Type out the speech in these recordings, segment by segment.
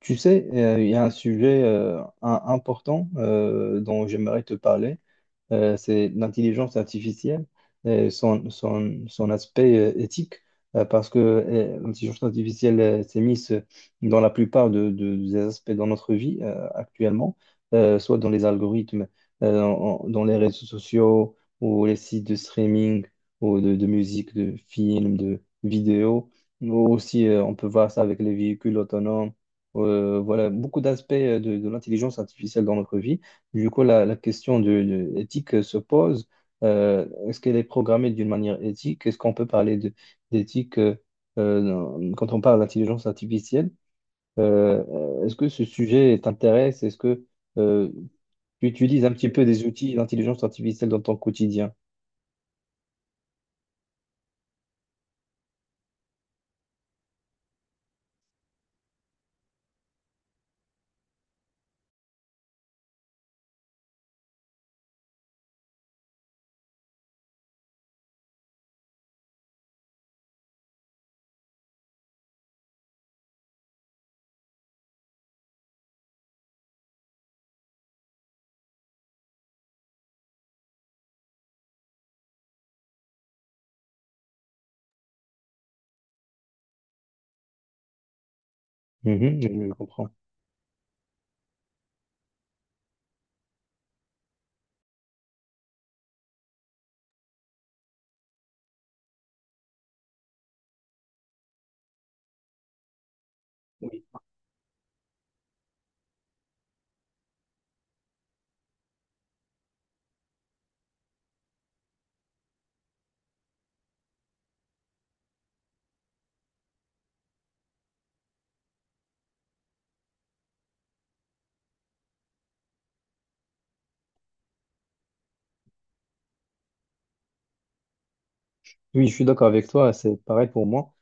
Tu sais, il y a un sujet important dont j'aimerais te parler, c'est l'intelligence artificielle et son aspect éthique, parce que l'intelligence artificielle s'est mise dans la plupart des aspects dans notre vie actuellement, soit dans les algorithmes, dans les réseaux sociaux ou les sites de streaming ou de musique, de films, de vidéos. Nous aussi, on peut voir ça avec les véhicules autonomes, voilà, beaucoup d'aspects de l'intelligence artificielle dans notre vie. Du coup, la question de éthique se pose. Est-ce qu'elle est programmée d'une manière éthique? Est-ce qu'on peut parler d'éthique, quand on parle d'intelligence artificielle? Euh, est-ce que ce sujet t'intéresse? Est-ce que euh, tu utilises un petit peu des outils d'intelligence artificielle dans ton quotidien? Mhm, je comprends. Oui, je suis d'accord avec toi. C'est pareil pour moi.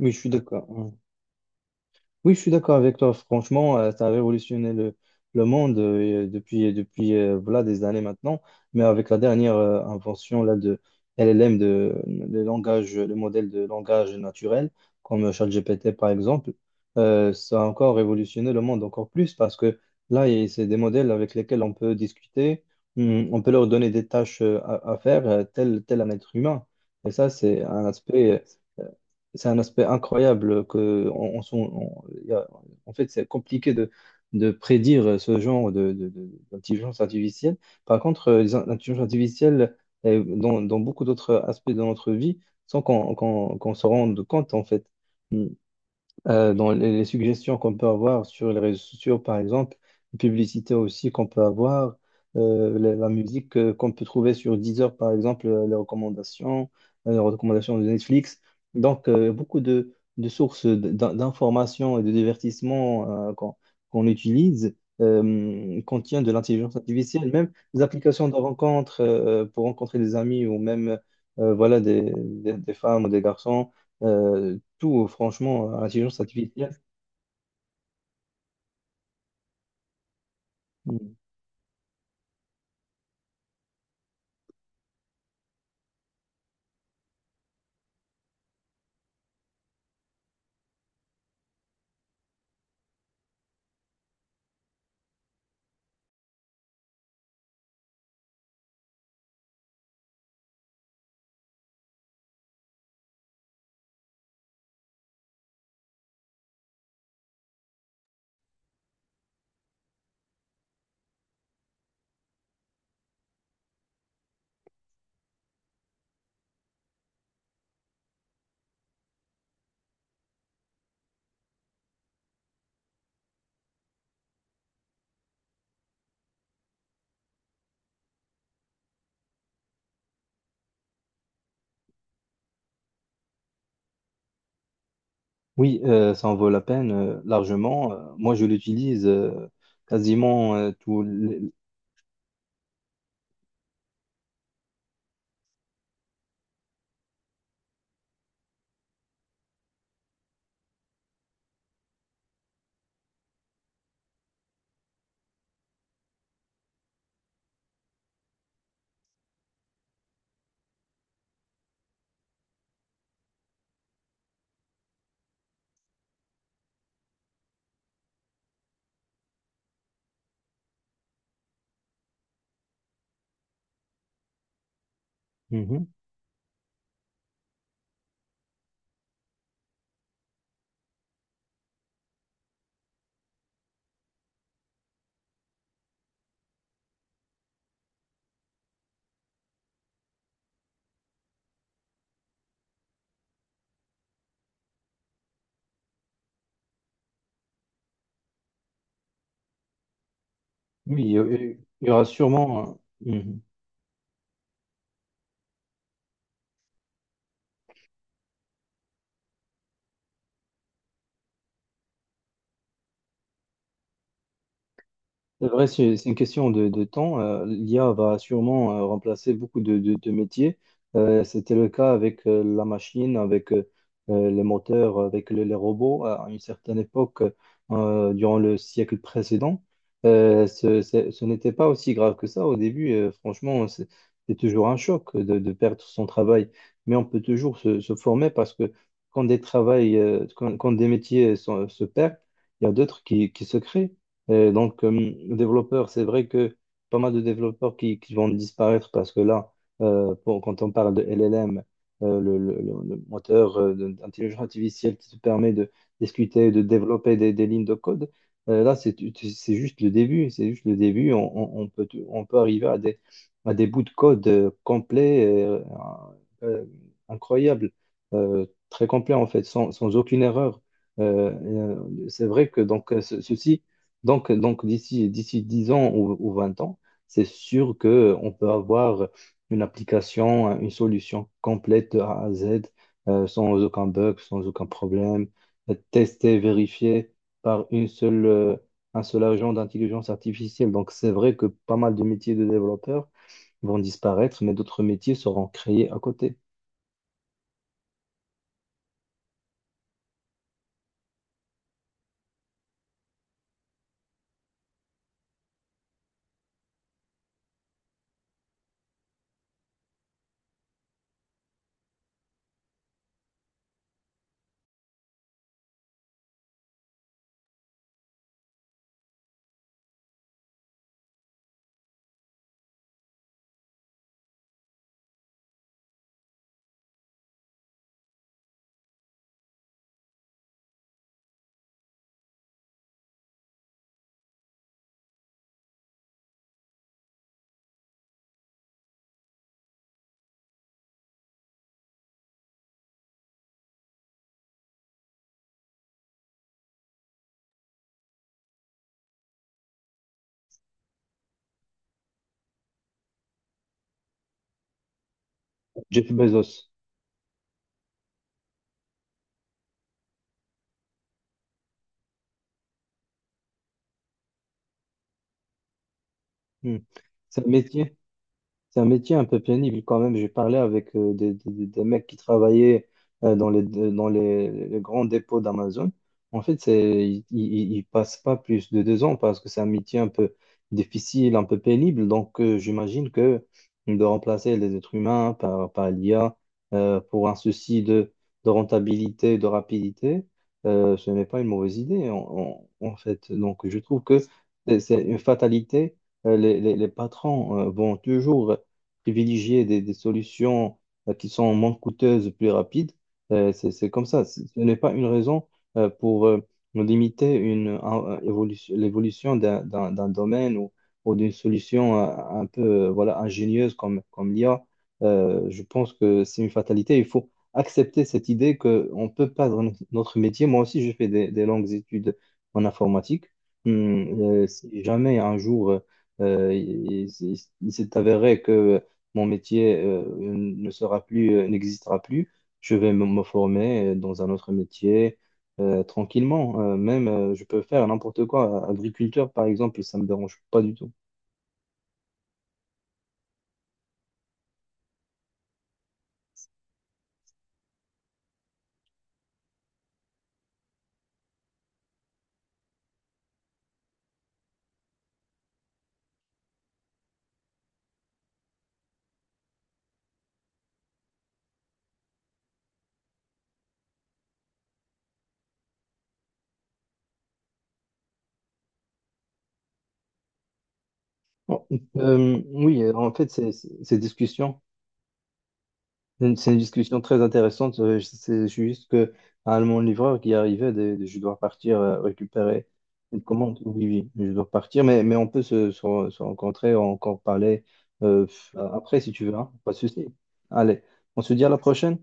Oui, je suis d'accord. Oui, je suis d'accord avec toi. Franchement, ça a révolutionné le monde depuis voilà, des années maintenant. Mais avec la dernière invention là, de LLM, de, le langage, le modèle de langage naturel, comme ChatGPT par exemple, ça a encore révolutionné le monde encore plus parce que là, c'est des modèles avec lesquels on peut discuter, on peut leur donner des tâches à faire, tel, tel un être humain. Et ça, c'est un aspect. C'est un aspect incroyable que on s'en- on- y a- en fait c'est compliqué de prédire ce genre d'intelligence artificielle. Par contre, l'intelligence artificielle dans beaucoup d'autres aspects de notre vie sans qu'on se rende compte en fait. Mm Dans les suggestions qu'on peut avoir sur les réseaux sociaux, par exemple, les publicités aussi qu'on peut avoir, la musique qu'on peut trouver sur Deezer, par exemple, les recommandations de Netflix. Donc, beaucoup de sources d'informations et de divertissements qu'on utilise. Contiennent de l'intelligence artificielle, même des applications de rencontre pour rencontrer des amis ou même voilà des femmes ou des garçons. Tout, franchement, l'intelligence artificielle, mm. Oui, ça en vaut la peine largement. Moi, je l'utilise quasiment tous les... Mhm. Oui, il y aura sûrement... euh, hmm, C'est vrai, c'est une question de temps. l'IA va sûrement remplacer beaucoup de métiers. C'était le cas avec la machine, avec les moteurs, avec les robots à une certaine époque, durant le siècle précédent. Ce n'était pas aussi grave que ça au début. Franchement, c'est toujours un choc de perdre son travail. Mais on peut toujours se former parce que quand des travails, quand des métiers se perdent, il y a d'autres qui se créent. Et donc, développeur, c'est vrai que pas mal de développeurs qui vont disparaître parce que là, quand on parle de LLM, le moteur d'intelligence artificielle qui te permet de discuter, de développer des lignes de code, là, c'est juste le début. C'est juste le début. On peut, on peut arriver à à des bouts de code complets, euh, euh, incroyables, très complets en fait, sans aucune erreur. Euh, et, c'est vrai que donc, ceci donc, d'ici 10 ans ou 20 ans, c'est sûr que on peut avoir une application, une solution complète de A à Z, sans aucun bug, sans aucun problème, testée, vérifiée par une seule, un seul agent d'intelligence artificielle. Donc, c'est vrai que pas mal de métiers de développeurs vont disparaître, mais d'autres métiers seront créés à côté. Jeff Bezos. Hmm. C'est un métier. C'est un métier un peu pénible quand même. J'ai parlé avec des mecs qui travaillaient dans les grands dépôts d'Amazon. En fait, c'est, ils passent pas plus de 2 ans parce que c'est un métier un peu difficile, un peu pénible. Donc, j'imagine que de remplacer les êtres humains par, par l'IA pour un souci de rentabilité, de rapidité, ce n'est pas une mauvaise idée en fait. Donc, je trouve que c'est une fatalité. Les patrons vont toujours privilégier des solutions qui sont moins coûteuses, plus rapides. C'est comme ça. Ce n'est pas une raison pour limiter une, évolution, l'évolution d'un domaine ou d'une solution un peu voilà, ingénieuse comme l'IA. Je pense que c'est une fatalité. Il faut accepter cette idée qu'on peut perdre notre métier. Moi aussi, j'ai fait des longues études en informatique. Si jamais un jour... il s'est avéré que mon métier ne sera plus, n'existera plus. Je vais me former dans un autre métier tranquillement. Même, je peux faire n'importe quoi. Agriculteur, par exemple, ça me dérange pas du tout. Bon, oui, en fait, ces discussions... C'est une discussion très intéressante. C'est juste que à mon livreur qui arrivait, je dois partir récupérer une commande. Oui, oui, je dois partir, mais on peut se rencontrer, encore parler après si tu veux, hein, pas de souci. Allez, on se dit à la prochaine.